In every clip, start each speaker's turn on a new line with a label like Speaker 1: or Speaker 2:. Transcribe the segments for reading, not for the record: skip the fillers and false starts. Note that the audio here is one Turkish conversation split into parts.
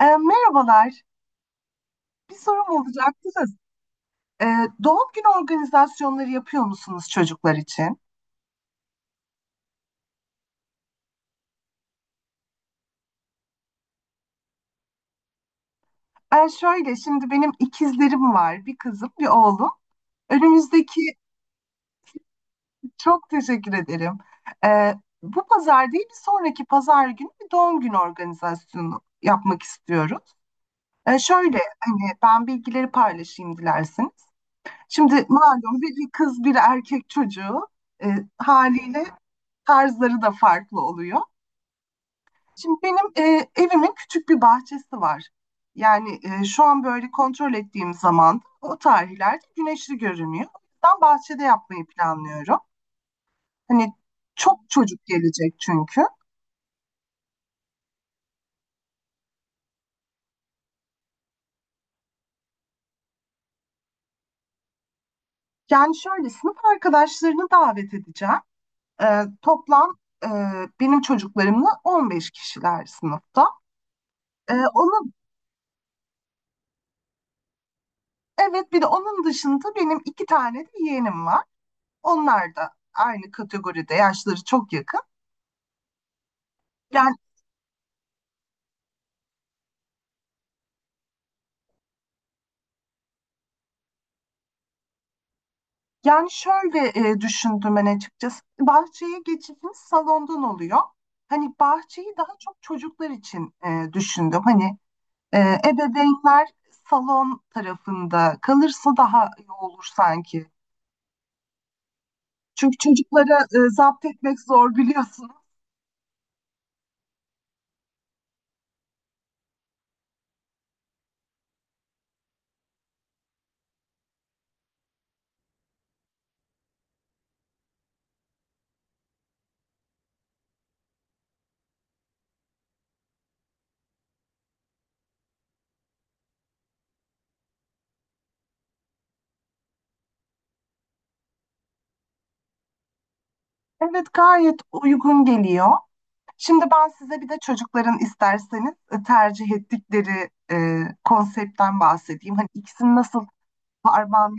Speaker 1: Merhabalar. Bir sorum olacaktı da, doğum günü organizasyonları yapıyor musunuz çocuklar için? Şöyle, şimdi benim ikizlerim var. Bir kızım, bir oğlum. Önümüzdeki, çok teşekkür ederim. E, Bu pazar değil, bir sonraki pazar günü bir doğum günü organizasyonu yapmak istiyoruz. Şöyle, hani ben bilgileri paylaşayım dilerseniz. Şimdi malum bir kız, bir erkek çocuğu e, haliyle tarzları da farklı oluyor. Şimdi benim evimin küçük bir bahçesi var. Yani şu an böyle kontrol ettiğim zaman o tarihlerde güneşli görünüyor. O yüzden bahçede yapmayı planlıyorum. Hani çok çocuk gelecek çünkü. Yani şöyle sınıf arkadaşlarını davet edeceğim. Toplam e, benim çocuklarımla 15 kişiler sınıfta. E, onun evet bir de onun dışında benim iki tane de yeğenim var. Onlar da aynı kategoride yaşları çok yakın. Yani Yani şöyle düşündüm ben açıkçası. Bahçeye geçişimiz salondan oluyor. Hani bahçeyi daha çok çocuklar için düşündüm. Hani ebeveynler salon tarafında kalırsa daha iyi olur sanki. Çünkü çocuklara zapt etmek zor biliyorsunuz. Evet, gayet uygun geliyor. Şimdi ben size bir de çocukların isterseniz tercih ettikleri konseptten bahsedeyim. Hani ikisini nasıl harmanlı...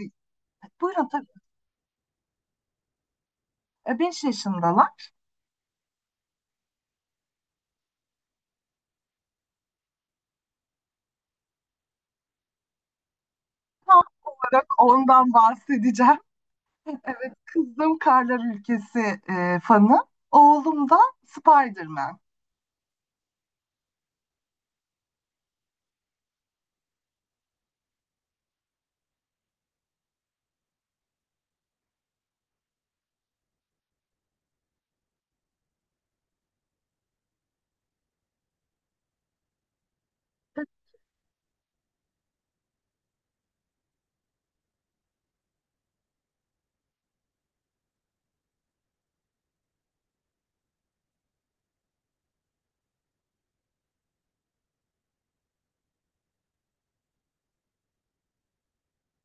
Speaker 1: Buyurun tabii. 5 yaşındalar. Tam olarak ondan bahsedeceğim. Evet, kızım Karlar Ülkesi fanı. Oğlum da Spider-Man.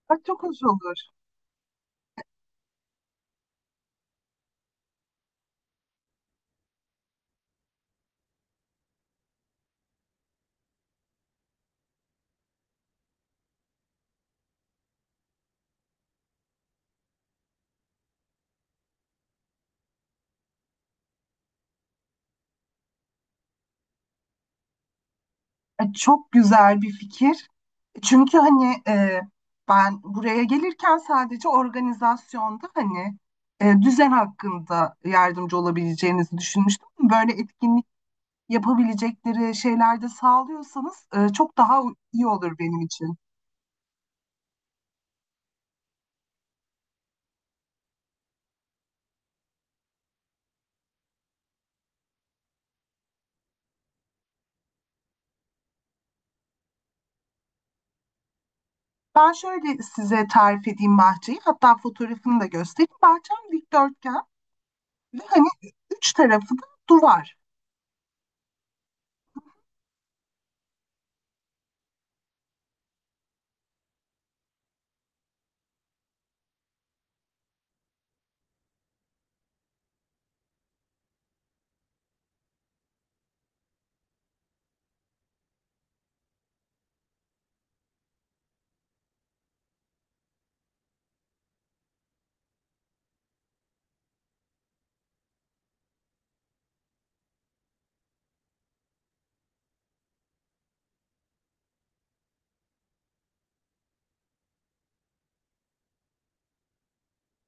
Speaker 1: Bak çok hoş olur. Çok güzel bir fikir. Çünkü hani ben buraya gelirken sadece organizasyonda hani düzen hakkında yardımcı olabileceğinizi düşünmüştüm. Böyle etkinlik yapabilecekleri şeyler de sağlıyorsanız çok daha iyi olur benim için. Ben şöyle size tarif edeyim bahçeyi. Hatta fotoğrafını da göstereyim. Bahçem dikdörtgen ve hani üç tarafı da duvar.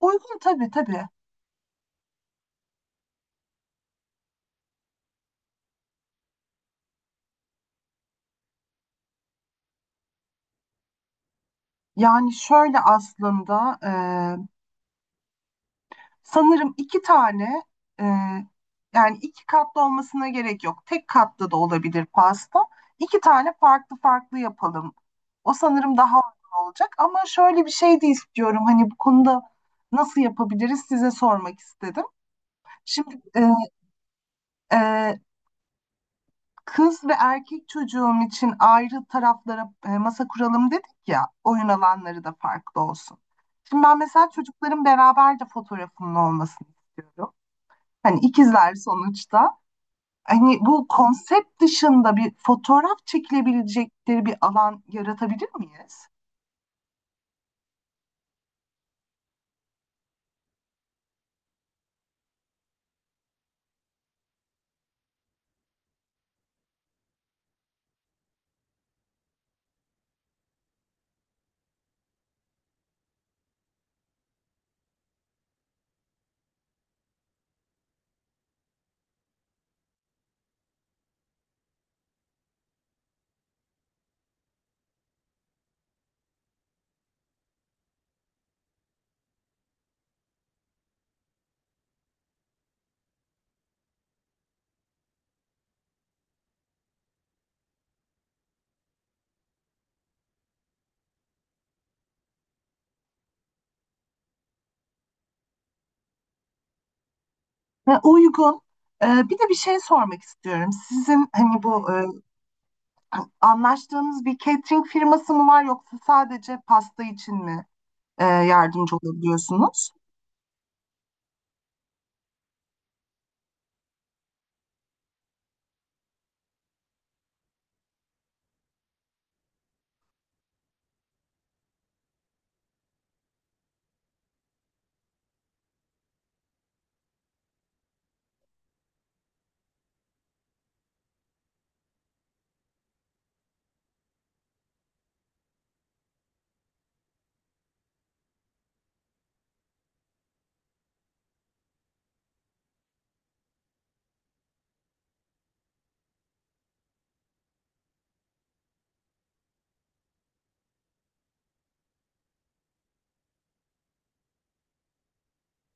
Speaker 1: Uygun, tabii tabii. Yani şöyle aslında sanırım iki tane e, yani iki katlı olmasına gerek yok. Tek katlı da olabilir pasta. İki tane farklı farklı yapalım. O sanırım daha uygun olacak. Ama şöyle bir şey de istiyorum. Hani bu konuda nasıl yapabiliriz size sormak istedim. Şimdi e, kız ve erkek çocuğum için ayrı taraflara masa kuralım dedik ya. Oyun alanları da farklı olsun. Şimdi ben mesela çocukların beraber de fotoğrafımın olmasını istiyorum. Hani ikizler sonuçta. Hani bu konsept dışında bir fotoğraf çekilebilecekleri bir alan yaratabilir miyiz? Ve uygun. Bir de bir şey sormak istiyorum. Sizin hani bu anlaştığınız bir catering firması mı var yoksa sadece pasta için mi yardımcı olabiliyorsunuz?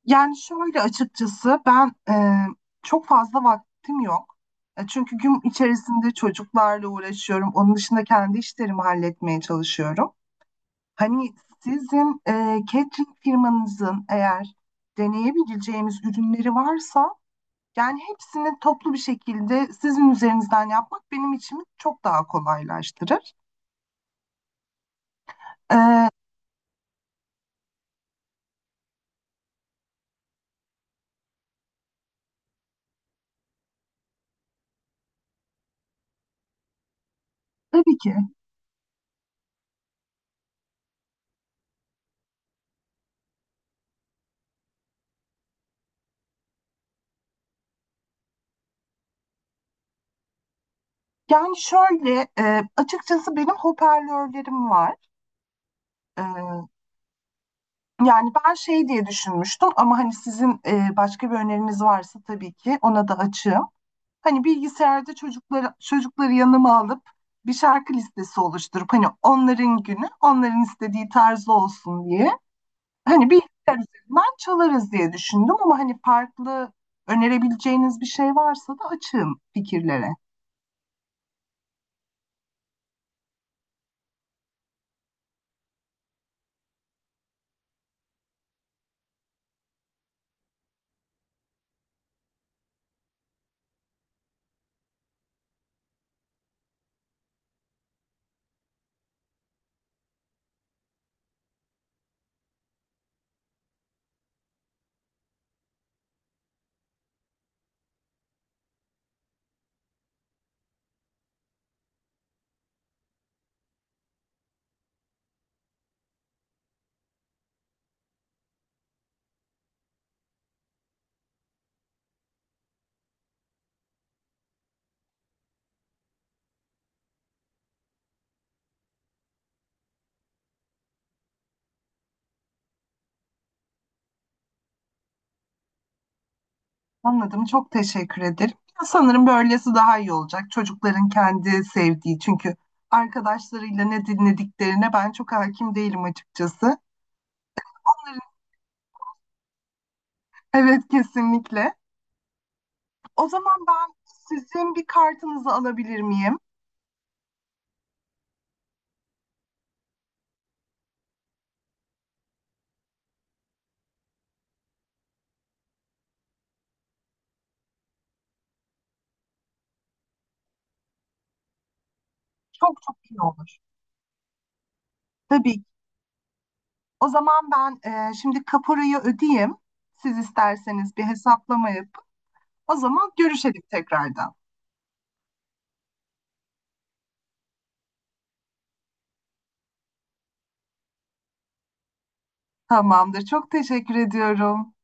Speaker 1: Yani şöyle açıkçası ben çok fazla vaktim yok. Çünkü gün içerisinde çocuklarla uğraşıyorum. Onun dışında kendi işlerimi halletmeye çalışıyorum. Hani sizin catering firmanızın eğer deneyebileceğimiz ürünleri varsa yani hepsini toplu bir şekilde sizin üzerinizden yapmak benim için çok daha kolaylaştırır. E, tabii ki. Yani şöyle açıkçası benim hoparlörlerim var. E, Yani ben şey diye düşünmüştüm ama hani sizin başka bir öneriniz varsa tabii ki ona da açığım. Hani bilgisayarda çocukları yanıma alıp bir şarkı listesi oluşturup hani onların günü onların istediği tarzda olsun diye hani bilgisayar üzerinden çalarız diye düşündüm ama hani farklı önerebileceğiniz bir şey varsa da açığım fikirlere. Anladım. Çok teşekkür ederim. Sanırım böylesi daha iyi olacak. Çocukların kendi sevdiği çünkü arkadaşlarıyla ne dinlediklerine ben çok hakim değilim açıkçası. Onların, evet kesinlikle. O zaman ben sizin bir kartınızı alabilir miyim? Çok çok iyi olur. Tabii ki. O zaman ben şimdi kaporayı ödeyeyim. Siz isterseniz bir hesaplama yapın. O zaman görüşelim tekrardan. Tamamdır. Çok teşekkür ediyorum.